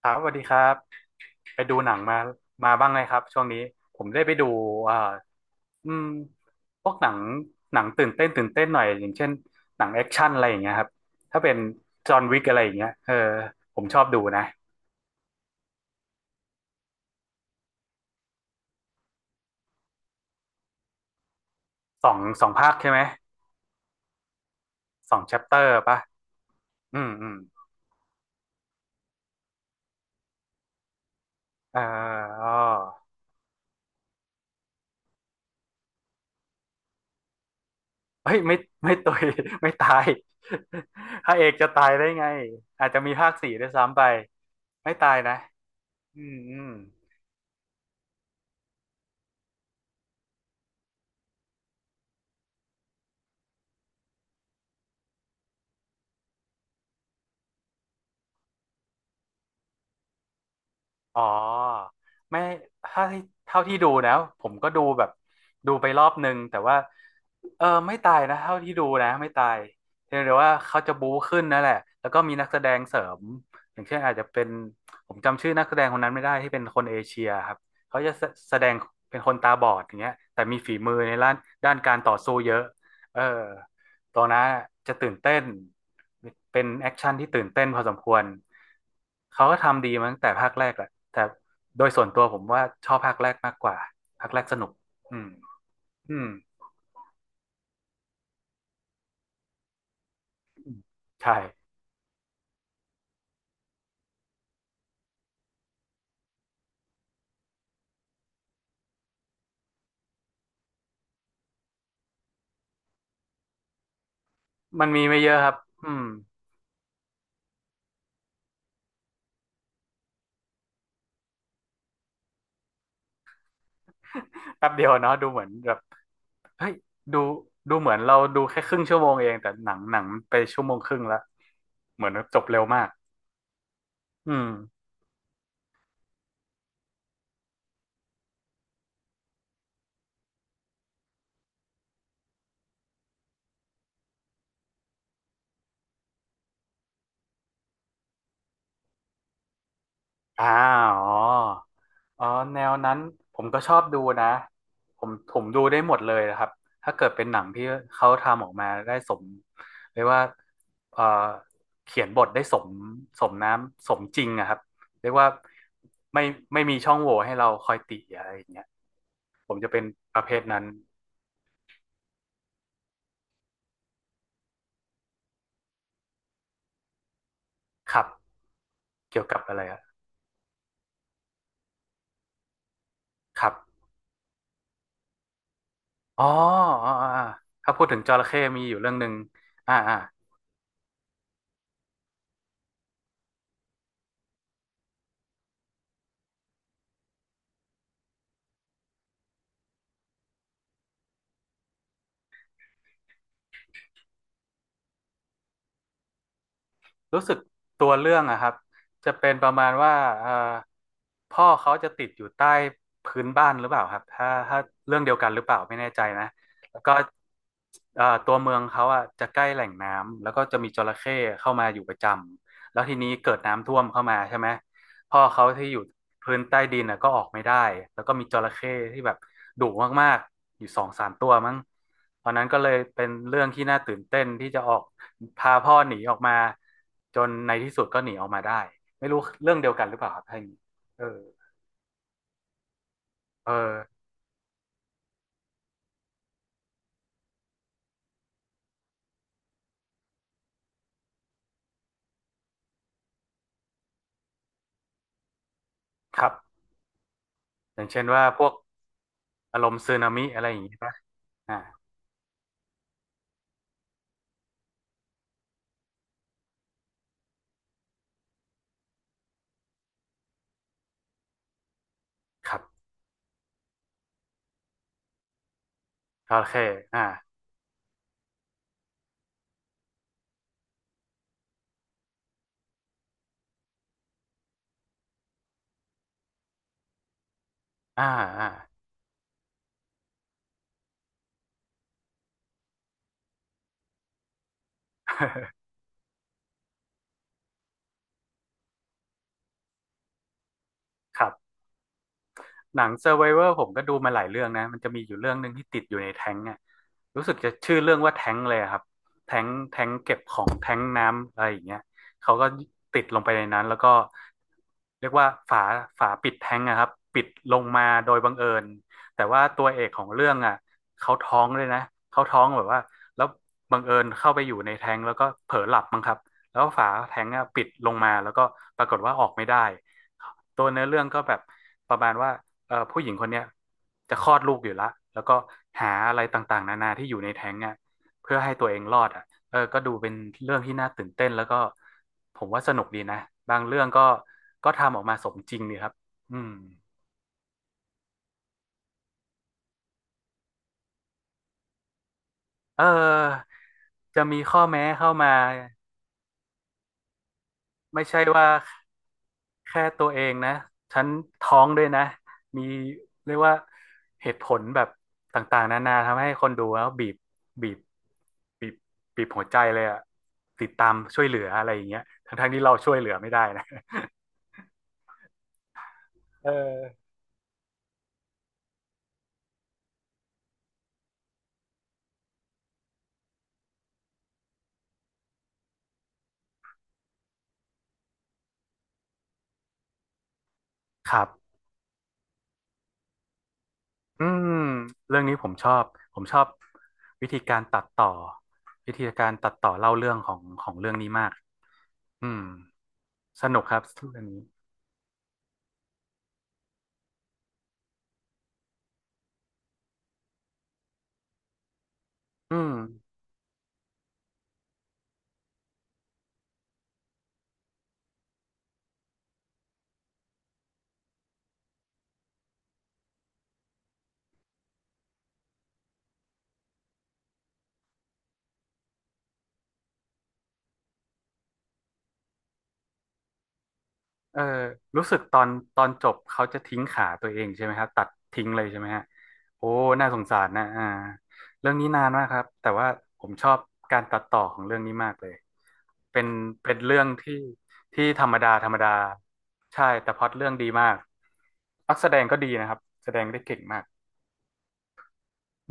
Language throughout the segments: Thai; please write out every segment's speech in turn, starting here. ครับสวัสดีครับไปดูหนังมามาบ้างไหมครับช่วงนี้ผมได้ไปดูเอ่ออืมพวกหนังหนังตื่นเต้นหน่อยอย่างเช่นหนังแอคชั่นอะไรอย่างเงี้ยครับถ้าเป็นจอห์นวิกอะไรอย่างเงี้ยเออผมชอบดูนะสองภาคใช่ไหมสองแชปเตอร์ป่ะอืมอืมเอออ้อเฮ้ยไม่ตุย ไม่ตาย พระเอกจะตายได้ไงอาจจะมีภาคสี่ด้วยซ้ำไปไม่ตายนะอืมอืม อ๋อไม่ถ้าที่เท่าที่ดูนะผมก็ดูแบบดูไปรอบนึงแต่ว่าเออไม่ตายนะเท่าที่ดูนะไม่ตายเพียงแต่ว่าเขาจะบู๊ขึ้นนั่นแหละแล้วก็มีนักแสดงเสริมอย่างเช่นอาจจะเป็นผมจำชื่อนักแสดงคนนั้นไม่ได้ที่เป็นคนเอเชียครับเขาจะแสดงเป็นคนตาบอดอย่างเงี้ยแต่มีฝีมือในด้านด้านการต่อสู้เยอะเออตัวนั้นจะตื่นเต้น เป็นแอคชั่นที่ตื่นเต้นพอสมควร เขาก็ทำดีมาตั้งแต่ภาคแรกแหละแต่โดยส่วนตัวผมว่าชอบภาคแรกมากกว่า ภาคแรกสนุกอืมอืมใช่ มันมีไม่เยอะครับอืม แป๊บเดียวเนาะดูเหมือนแบบเฮ้ยดูดูเหมือนเราดูแค่ครึ่งชั่วโมงเอง แต่หนังไปชั่วโมงครึ่งละเหมือนจบเร็วมากอืม อ่าอ๋ออ๋อแนวนั้นผมก็ชอบดูนะผมดูได้หมดเลยนะครับถ้าเกิดเป็นหนังที่เขาทำออกมาได้สมเรียกว่าเอ่อเขียนบทได้สมสมน้ำสมจริงอะครับเรียกว่าไม่ไม่มีช่องโหว่ให้เราคอยติอะไรอย่างเงี้ยผมจะเป็นประเภทนั้นครับเกี่ยวกับอะไรอะครับอ๋ออ๋อถ้าพูดถึงจระเข้มีอยู่เรื่องหนึ่งอ่าอ่า รู้สึกตัวเรื่องอะครับจะเป็นประมาณว่าเอ่อพ่อเขาจะติดอยู่ใต้พื้นบ้านหรือเปล่าครับถ้าเรื่องเดียวกันหรือเปล่าไม่แน่ใจนะแล้วก็เอ่อตัวเมืองเขาอะจะใกล้แหล่งน้ำแล้วก็จะมีจระเข้เข้ามาอยู่ประจำแล้วทีนี้เกิดน้ำท่วมเข้ามาใช่ไหม พ่อเขาที่อยู่พื้นใต้ดินน่ะก็ออกไม่ได้ แล้วก็มีจระเข้ที่แบบดุมากๆอยู่สองสามตัวมั้งตอนนั้นก็เลยเป็นเรื่องที่น่าตื่นเต้นที่จะออกพาพ่อหนีออกมาจนในที่สุดก็หนีออกมาได้ไม่รู้เรื่องเดียวกันหรือเปล่าครับท่านเออเออครับอย่างเช่นว่าพวกอารมณ์สึนามิอะไรอย่างนี้ป่ะอ่าครับจระเข้อ่าอ่าอ่าครับ หนัง Survivor ผมก็ดูมาหลายเรื่องนะมันจะมีอยู่เรื่องหนึ่งที่ติดอยู่ในแท้งอ่ะรู้สึกจะชื่อเรื่องว่าแท้งเลยอะครับแท้งแท้งเก็บของแท้งน้ำอะไรอย่างเงี้ยเขาก็ติดลงไปในนั้นแล้วก็เรียกว่าฝาปิดแท้งอะครับปิดลงมาโดยบังเอิญแต่ว่าตัวเอกของเรื่องอ่ะเขาท้องเลยนะเขาท้องแบบว่าแล้วบังเอิญเข้าไปอยู่ในแท้งแล้วก็เผลอหลับมั้งครับแล้วฝาแท้งอะปิดลงมาแล้วก็ปรากฏว่าออกไม่ได้ตัวเนื้อเรื่องก็แบบประมาณว่า ผู้หญิงคนเนี้ยจะคลอดลูกอยู่ละแล้วก็หาอะไรต่างๆนานาที่อยู่ในแท้งอ่ะเพื่อให้ตัวเองรอดอ่ะเออก็ดูเป็นเรื่องที่น่าตื่นเต้นแล้วก็ผมว่าสนุกดีนะ บางเรื่องก็ก็ทำออกมาสมจริงดีครับอืมเออจะมีข้อแม้เข้ามาไม่ใช่ว่า แค่ตัวเองนะฉันท้องด้วยนะมีเรียกว่าเหตุผลแบบต่างๆนานาทำให้คนดูแล้วบีบบีบบีบหัวใจเลยอะติดตามช่วยเหลืออะไรอย่างเงี้ยทั้งๆที่เราช่วยเหลือไม่ได้นะเออครับอืมเรื่องนี้ผมชอบวิธีการตัดต่อวิธีการตัดต่อเล่าเรื่องของเรื่องนี้มากอืมสนุกครับเรื่องนี้อืม เออรู้สึกตอนจบเขาจะทิ้งขาตัวเองใช่ไหมครับตัดทิ้งเลยใช่ไหมฮะโอ้น่าสงสารนะอ่าเรื่องนี้นานมากครับแต่ว่าผมชอบการตัดต่อของเรื่องนี้มากเลยเป็นเป็นเรื่องที่ที่ธรรมดาใช่แต่พล็อตเรื่องดีมากนักแสดงก็ดีนะครับแสดงได้เก่งมาก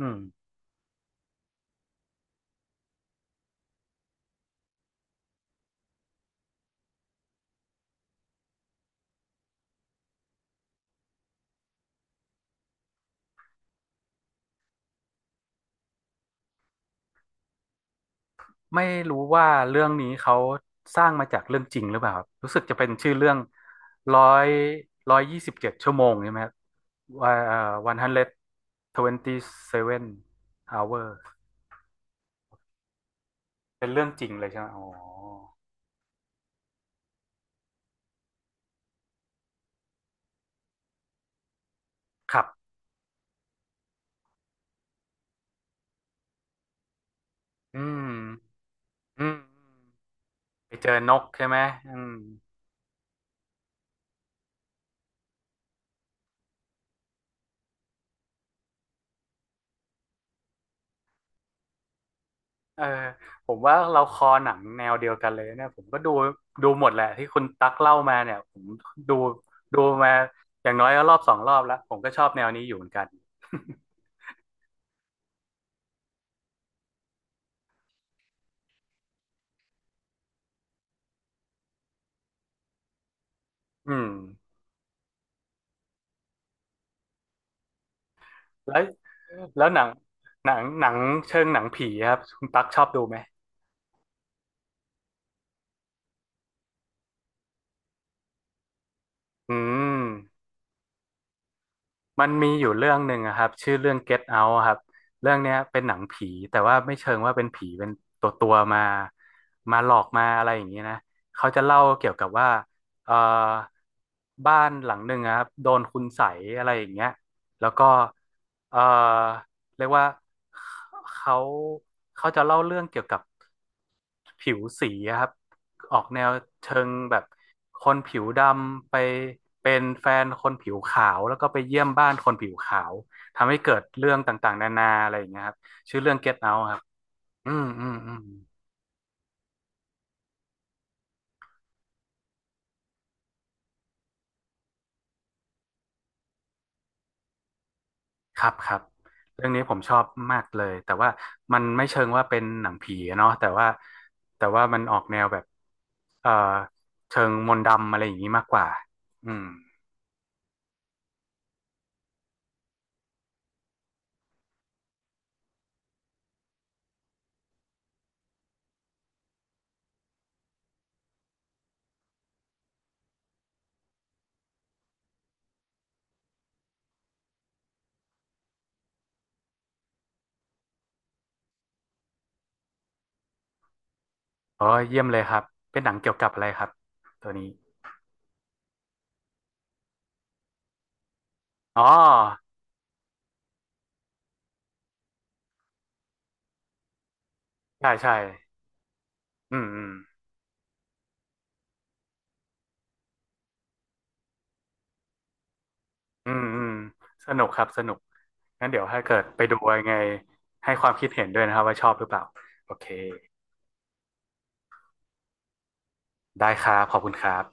อืม ไม่รู้ว่าเรื่องนี้เขาสร้างมาจากเรื่องจริงหรือเปล่าครับรู้สึกจะเป็นชื่อเรื่องร้อยร้อยยี่สิบเจ็ดชั่วโมงใช่ไหมครับว่าวันฮันเลดทเวนตี้เซเว่นอเวอร์เป็นเรื่องจริงเลยใช่ไหมอ๋อครับอืมอืมไปเจอนกใช่ไหมอืม เออผมว่าเราคอหนังแนวเดียวกันเลยเนี่ยผมก็ดูหมดแหละที่คุณตั๊กเล่ามาเนี่ยผมดูดูมาอย่างน้อยก็รอบสองรอบแล้วผมก็ชอบแนวนี้อยู่เหมือนกัน อืมแล้วแล้วหนังเชิงหนังผีครับคุณตั๊กชอบดูไหมอืม มันมีอยู่เรื่องหนึ่งอะครับชื่อเรื่อง Get Out อะครับเรื่องเนี้ยเป็นหนังผีแต่ว่าไม่เชิงว่าเป็นผีเป็นตัวมาหลอกมาอะไรอย่างนี้นะเขาจะเล่าเกี่ยวกับว่าเอ่อบ้านหลังหนึ่งอะครับโดนคุณใสยอะไรอย่างเงี้ยแล้วก็เอ่อเรียกว่าเขาเขาจะเล่าเรื่องเกี่ยวกับ ผิวสีอะครับออกแนวเชิงแบบคนผิวดำไปเป็นแฟนคนผิวขาวแล้วก็ไปเยี่ยมบ้านคนผิวขาวทำให้เกิดเรื่องต่างๆนานาอะไรอย่างเงี้ยครับเก็ตเอาครับอืมอืมอืมครับครับเรื่องนี้ผมชอบมากเลยแต่ว่ามันไม่เชิงว่าเป็นหนังผีอะเนาะแต่ว่ามันออกแนวแบบเอ่อเชิงมนต์ดำอะไรอย่างนี้มากกว่าอืมอ๋อเยี่ยมเลยครับเป็นหนังเกี่ยวกับอะไรครับตัวนี้อ๋อใช่ใช่ อืมอืมอืมอืมสนุกครับสนุกงั้นเดี๋ยวถ้าเกิดไปดูยังไงให้ความคิดเห็นด้วยนะครับว่าชอบหรือเปล่าโอเคได้ครับขอบคุณครับ